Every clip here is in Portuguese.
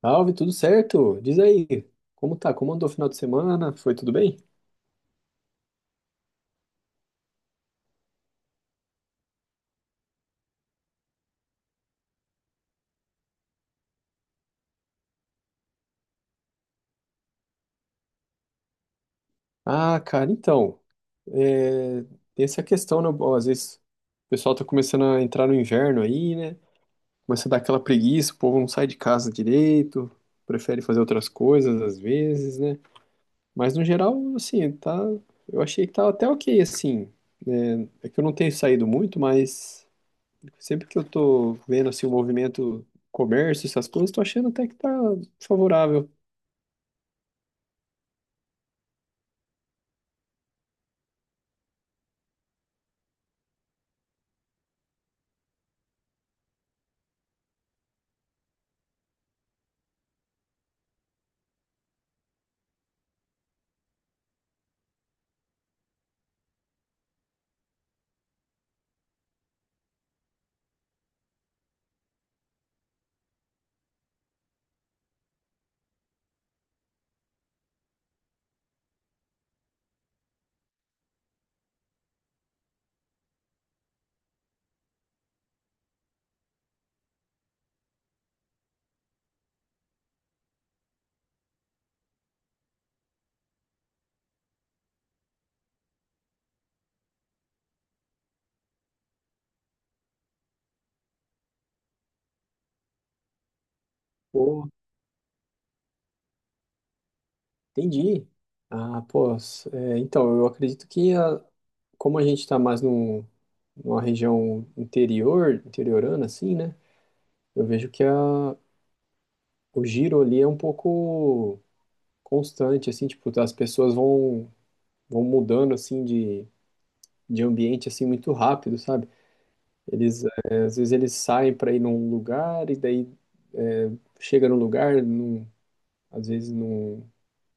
Salve, tudo certo? Diz aí, como tá? Como andou o final de semana? Foi tudo bem? Ah, cara, então, é, essa é a questão, né? Bom, às vezes o pessoal tá começando a entrar no inverno aí, né? Começa a dar aquela preguiça, o povo não sai de casa direito, prefere fazer outras coisas às vezes, né? Mas no geral, assim, tá... Eu achei que tá até ok, assim, né? É que eu não tenho saído muito, mas sempre que eu tô vendo, assim, o movimento, comércio, essas coisas, tô achando até que tá favorável. Pô, entendi. Ah, pô, s- é, então, eu acredito que como a gente está mais numa região interior, interiorana, assim, né? Eu vejo que o giro ali é um pouco constante, assim, tipo, as pessoas vão mudando, assim, de ambiente, assim, muito rápido, sabe? Eles, às vezes eles saem para ir num lugar e daí, é, chega no lugar, não, às vezes não,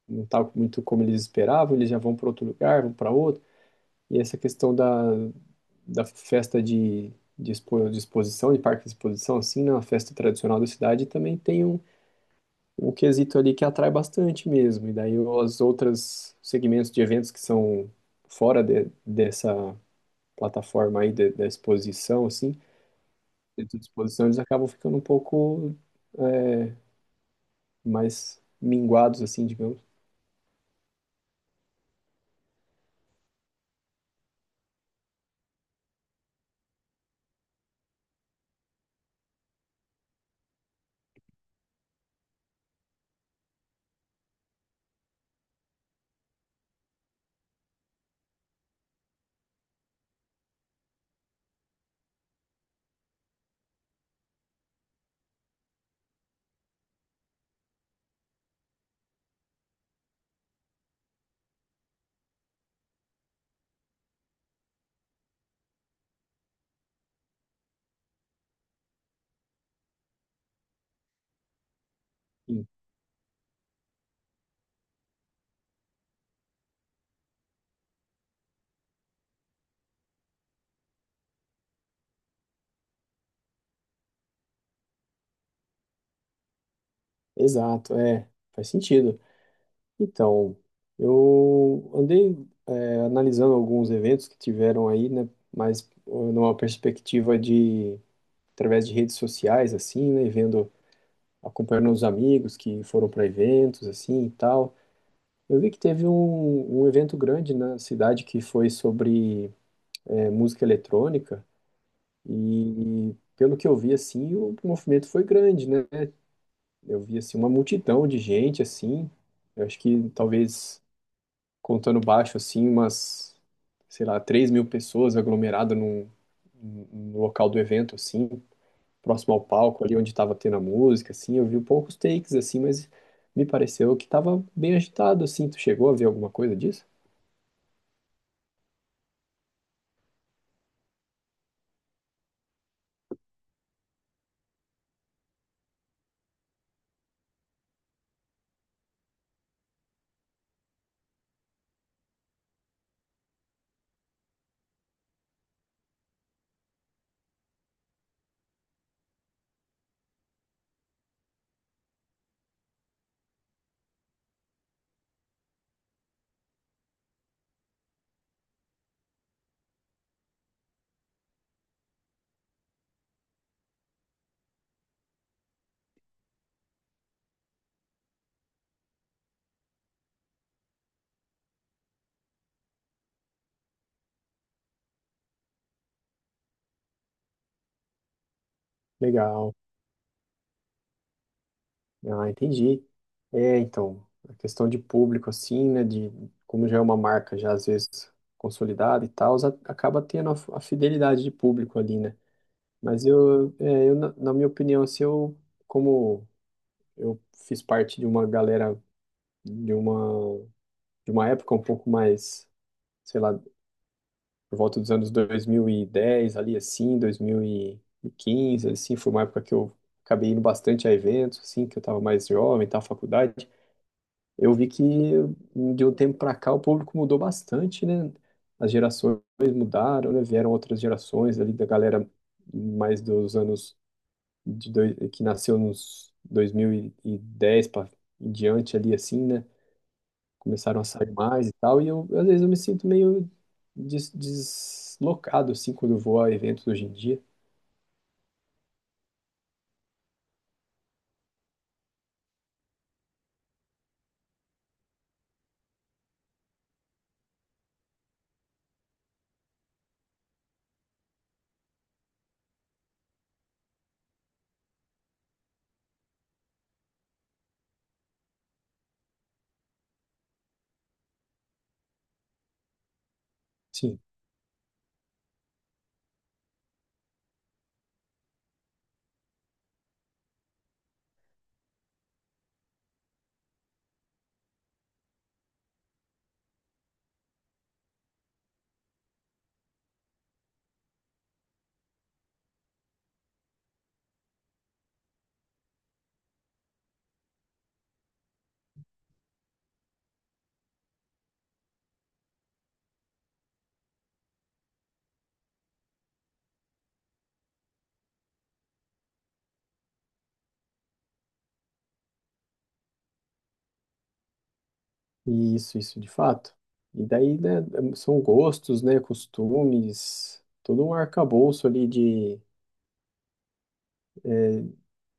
não tá muito como eles esperavam, eles já vão para outro lugar, vão para outro. E essa questão da festa de exposição, de parque de exposição, assim, na festa tradicional da cidade, também tem um, um quesito ali que atrai bastante mesmo. E daí os outros segmentos de eventos que são dessa plataforma aí, da exposição, assim, dentro de exposição, eles acabam ficando um pouco mais minguados, assim, digamos. Sim, exato, é, faz sentido. Então, eu andei analisando alguns eventos que tiveram aí, né, mas numa perspectiva de, através de redes sociais, assim, né, e vendo, acompanhando os amigos que foram para eventos assim e tal. Eu vi que teve um evento grande na cidade que foi sobre, música eletrônica, e pelo que eu vi assim, o movimento foi grande, né? Eu vi assim uma multidão de gente assim. Eu acho que talvez, contando baixo, assim, sei lá, 3.000 pessoas aglomeradas no local do evento, assim, próximo ao palco, ali onde estava tendo a música, assim. Eu vi poucos takes, assim, mas me pareceu que estava bem agitado, assim. Tu chegou a ver alguma coisa disso? Legal. Ah, entendi. É, então, a questão de público, assim, né, de como já é uma marca já às vezes consolidada e tal, acaba tendo a fidelidade de público ali, né? Mas eu, é, na minha opinião, assim, eu, como, eu fiz parte de uma galera, de uma de uma época um pouco mais, sei lá, por volta dos anos 2010 ali assim, dois mil e quinze assim, foi uma época que eu acabei indo bastante a eventos assim, que eu estava mais jovem, estava faculdade. Eu vi que de um tempo para cá o público mudou bastante, né? As gerações mudaram, né? Vieram outras gerações ali da galera mais dos anos de dois, que nasceu nos dois mil e dez para em diante ali assim, né? Começaram a sair mais e tal, e eu, às vezes eu me sinto meio deslocado, assim, quando eu vou a eventos hoje em dia. Sim, e isso de fato. E daí, né, são gostos, né, costumes, todo um arcabouço ali de,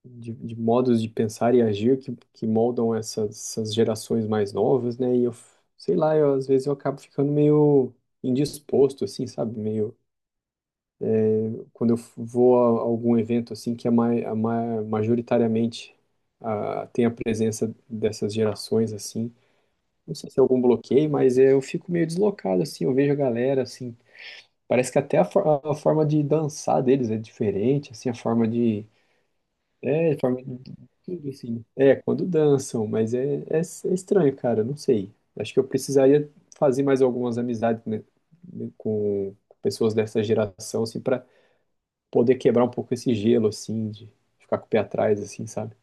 de, de modos de pensar e agir que moldam essas gerações mais novas, né, e eu, sei lá, eu, às vezes eu acabo ficando meio indisposto, assim, sabe, meio, quando eu vou a algum evento assim que é majoritariamente, tem a presença dessas gerações assim, não sei se é algum bloqueio, mas eu fico meio deslocado assim, eu vejo a galera assim, parece que até a forma de dançar deles é diferente, assim, a forma de, a forma de tudo assim. É, quando dançam, mas é estranho, cara, não sei. Acho que eu precisaria fazer mais algumas amizades, né, com pessoas dessa geração assim para poder quebrar um pouco esse gelo, assim, de ficar com o pé atrás, assim, sabe?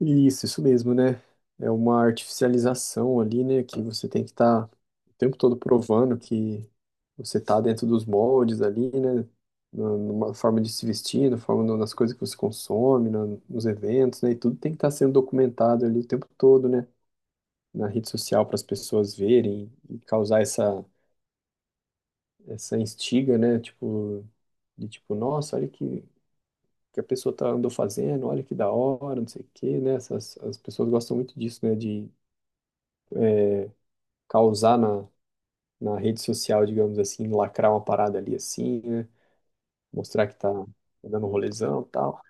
Isso mesmo, né? É uma artificialização ali, né? Que você tem que estar o tempo todo provando que você está dentro dos moldes ali, né? Numa forma de se vestir, na forma, nas coisas que você consome, nos eventos, né? E tudo tem que estar sendo documentado ali o tempo todo, né? Na rede social para as pessoas verem e causar essa, essa instiga, né? Tipo, nossa, olha que a pessoa tá, andou fazendo, olha que da hora, não sei o quê, né? As pessoas gostam muito disso, né? De causar na rede social, digamos assim, lacrar uma parada ali assim, né? Mostrar que tá dando um rolezão e tal.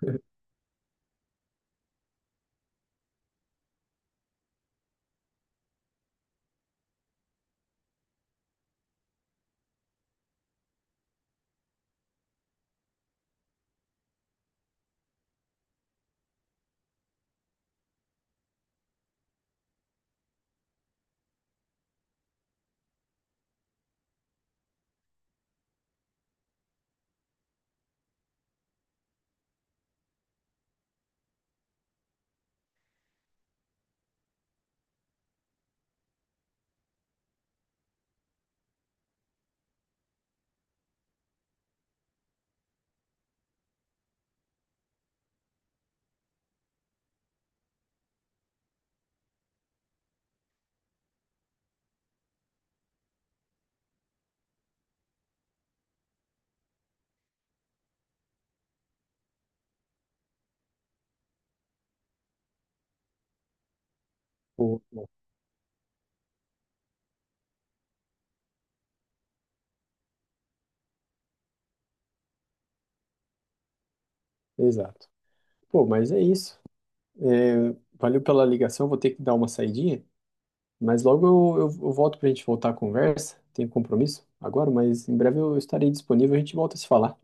Pô, exato. Pô, mas é isso. É, valeu pela ligação, vou ter que dar uma saidinha, mas logo eu volto pra gente voltar a conversa. Tenho compromisso agora, mas em breve eu estarei disponível, a gente volta a se falar.